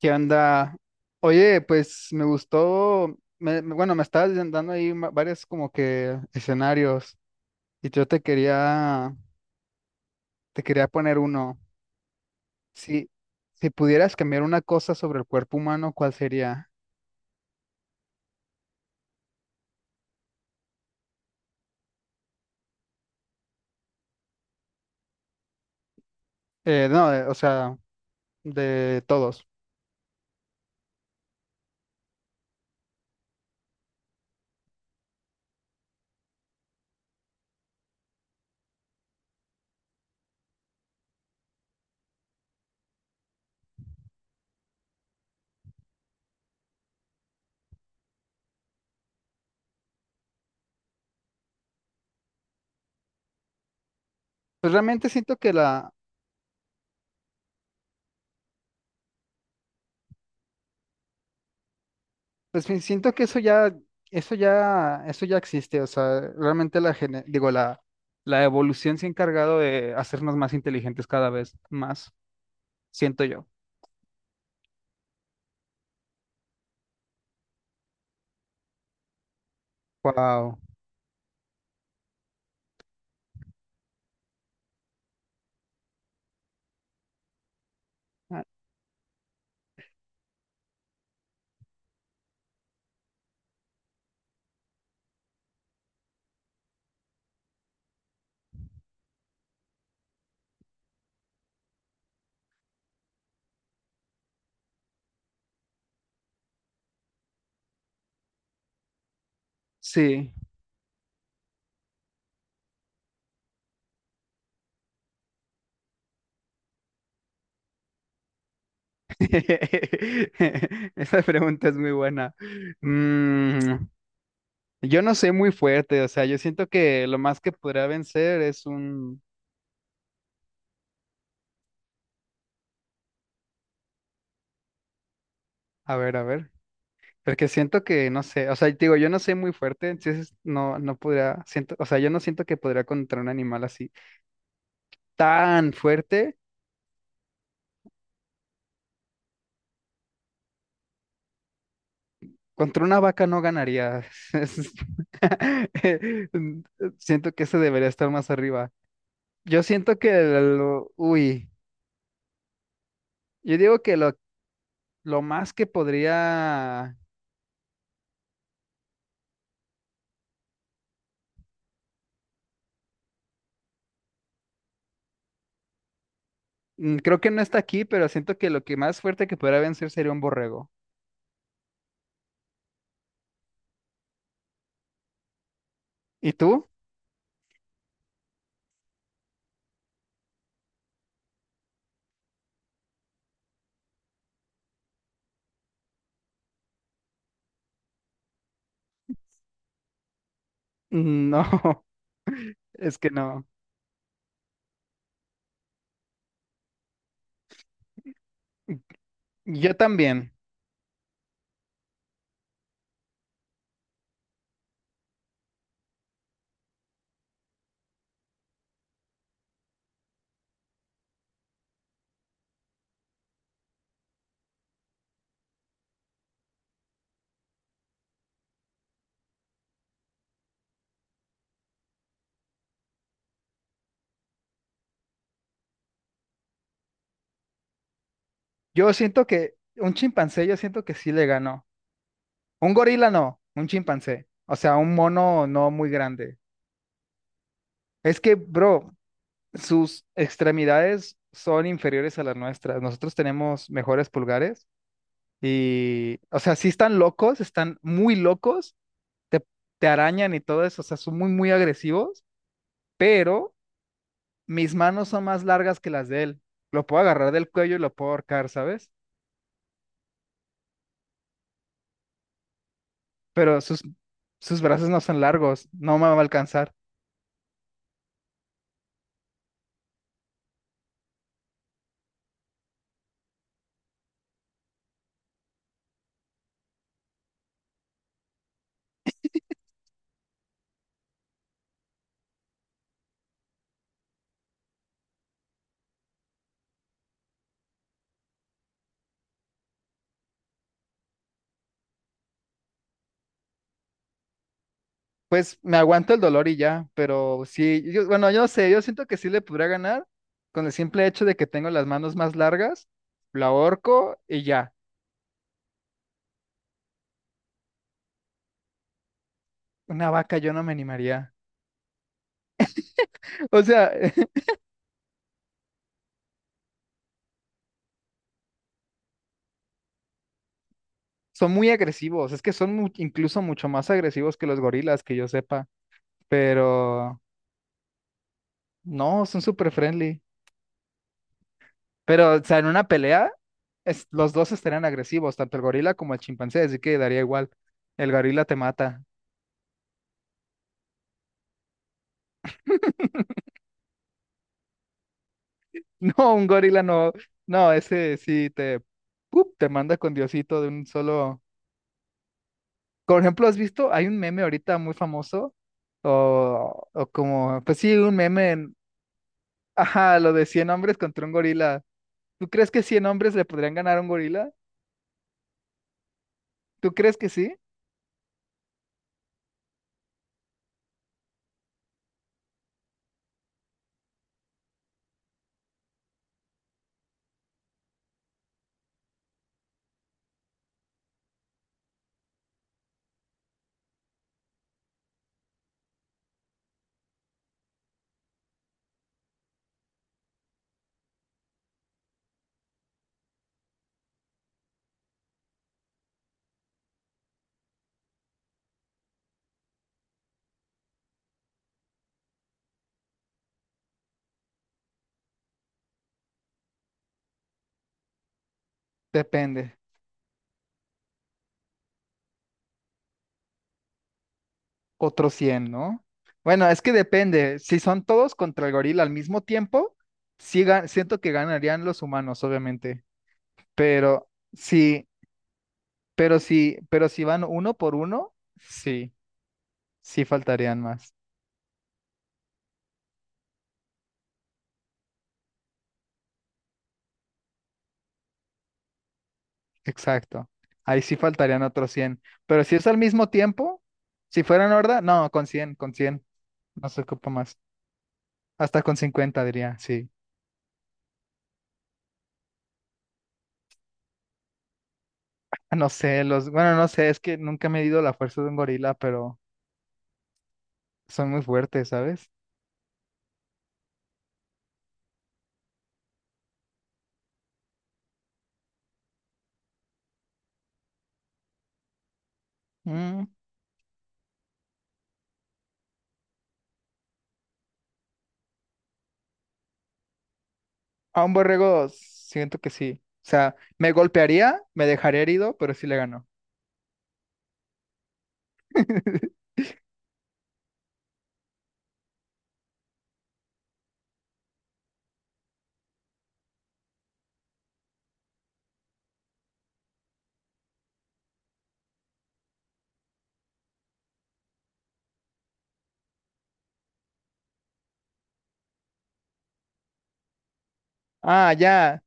¿Qué onda? Oye, pues me gustó, me estabas dando ahí varios como que escenarios y te quería poner uno. Si, si pudieras cambiar una cosa sobre el cuerpo humano, ¿cuál sería? No, de- o sea, de todos. Pues realmente siento que la, pues sí, siento que eso ya existe. O sea, realmente la, gene- digo, la evolución se ha encargado de hacernos más inteligentes cada vez más, siento yo. Wow. Sí. Esa pregunta es muy buena. Mm, yo no soy muy fuerte, o sea, yo siento que lo más que podría vencer es un... A ver, a ver. Porque siento que, no sé, o sea, te digo, yo no soy muy fuerte, entonces no podría, siento, o sea, yo no siento que podría contra un animal así tan fuerte. Contra una vaca no ganaría. Es- Siento que ese debería estar más arriba. Yo siento que, el- uy. Yo digo que lo más que podría, creo que no está aquí, pero siento que lo que más fuerte que podría vencer sería un borrego. ¿Y tú? Mm, no, es que no. Yo también. Yo siento que un chimpancé, yo siento que sí le ganó. Un gorila no, un chimpancé. O sea, un mono no muy grande. Es que, bro, sus extremidades son inferiores a las nuestras. Nosotros tenemos mejores pulgares y, o sea, sí están locos, están muy locos, te, te arañan y todo eso, o sea, son muy agresivos, pero mis manos son más largas que las de él. Lo puedo agarrar del cuello y lo puedo ahorcar, ¿sabes? Pero sus, sus brazos no son largos, no me va a alcanzar. Pues me aguanto el dolor y ya, pero sí, yo no sé, yo siento que sí le podría ganar con el simple hecho de que tengo las manos más largas. Lo ahorco y ya. Una vaca yo no me animaría. O sea, son muy agresivos, es que son incluso mucho más agresivos que los gorilas, que yo sepa. Pero no, son súper friendly. Pero, o sea, en una pelea, es- los dos estarían agresivos, tanto el gorila como el chimpancé, así que daría igual. El gorila te mata. No, un gorila no. No, ese sí te, ¡Pup! Te manda con Diosito de un solo. Por ejemplo, ¿has visto? Hay un meme ahorita muy famoso, pues sí, un meme, en- ajá, lo de 100 hombres contra un gorila. ¿Tú crees que 100 hombres le podrían ganar a un gorila? ¿Tú crees que sí? Depende. Otros 100, ¿no? Bueno, es que depende. Si son todos contra el gorila al mismo tiempo, sí ga- siento que ganarían los humanos, obviamente. Pero sí, pero si van uno por uno, sí, sí faltarían más. Exacto. Ahí sí faltarían otros 100. Pero si es al mismo tiempo, si fueran horda, no, con cien. No se ocupa más. Hasta con 50 diría, sí. No sé, no sé, es que nunca me he medido la fuerza de un gorila, pero son muy fuertes, ¿sabes? Mm, a un borrego siento que sí. O sea, me golpearía, me dejaría herido, pero sí le ganó. Ah, ya.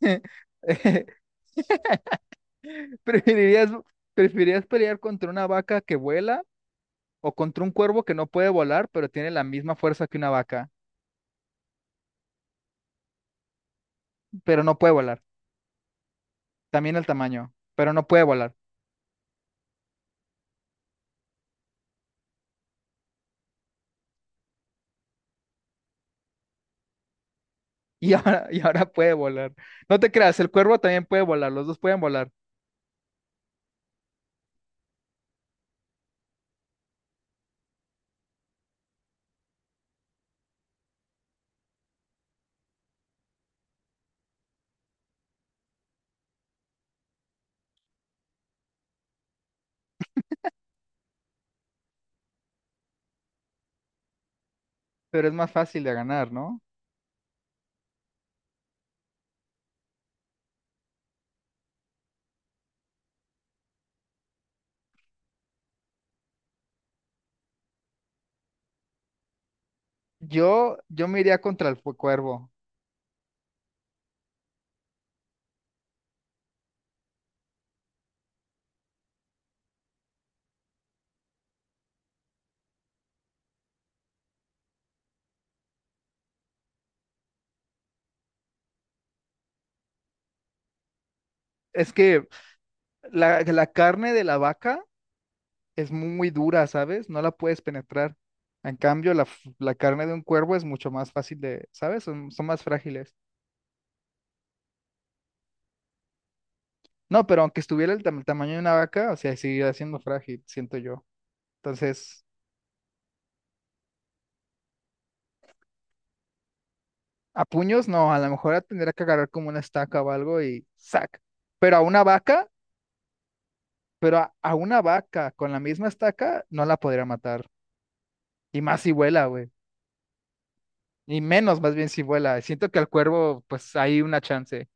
¿Preferirías, ¿preferirías pelear contra una vaca que vuela o contra un cuervo que no puede volar, pero tiene la misma fuerza que una vaca, pero no puede volar? También el tamaño, pero no puede volar. Y ahora puede volar. No te creas, el cuervo también puede volar, los dos pueden volar, pero es más fácil de ganar, ¿no? Yo me iría contra el fu- cuervo. Es que la carne de la vaca es muy dura, ¿sabes? No la puedes penetrar. En cambio, la carne de un cuervo es mucho más fácil de, ¿sabes? Son más frágiles. No, pero aunque estuviera el, tam- tamaño de una vaca, o sea, seguiría siendo frágil, siento yo. Entonces, a puños no, a lo mejor la tendría que agarrar como una estaca o algo y ¡sac! Pero a una vaca, pero a una vaca con la misma estaca no la podría matar. Y más si vuela, güey. Y menos, más bien si vuela. Siento que al cuervo, pues hay una chance.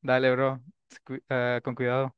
Dale, bro. Cu- ah, con cuidado.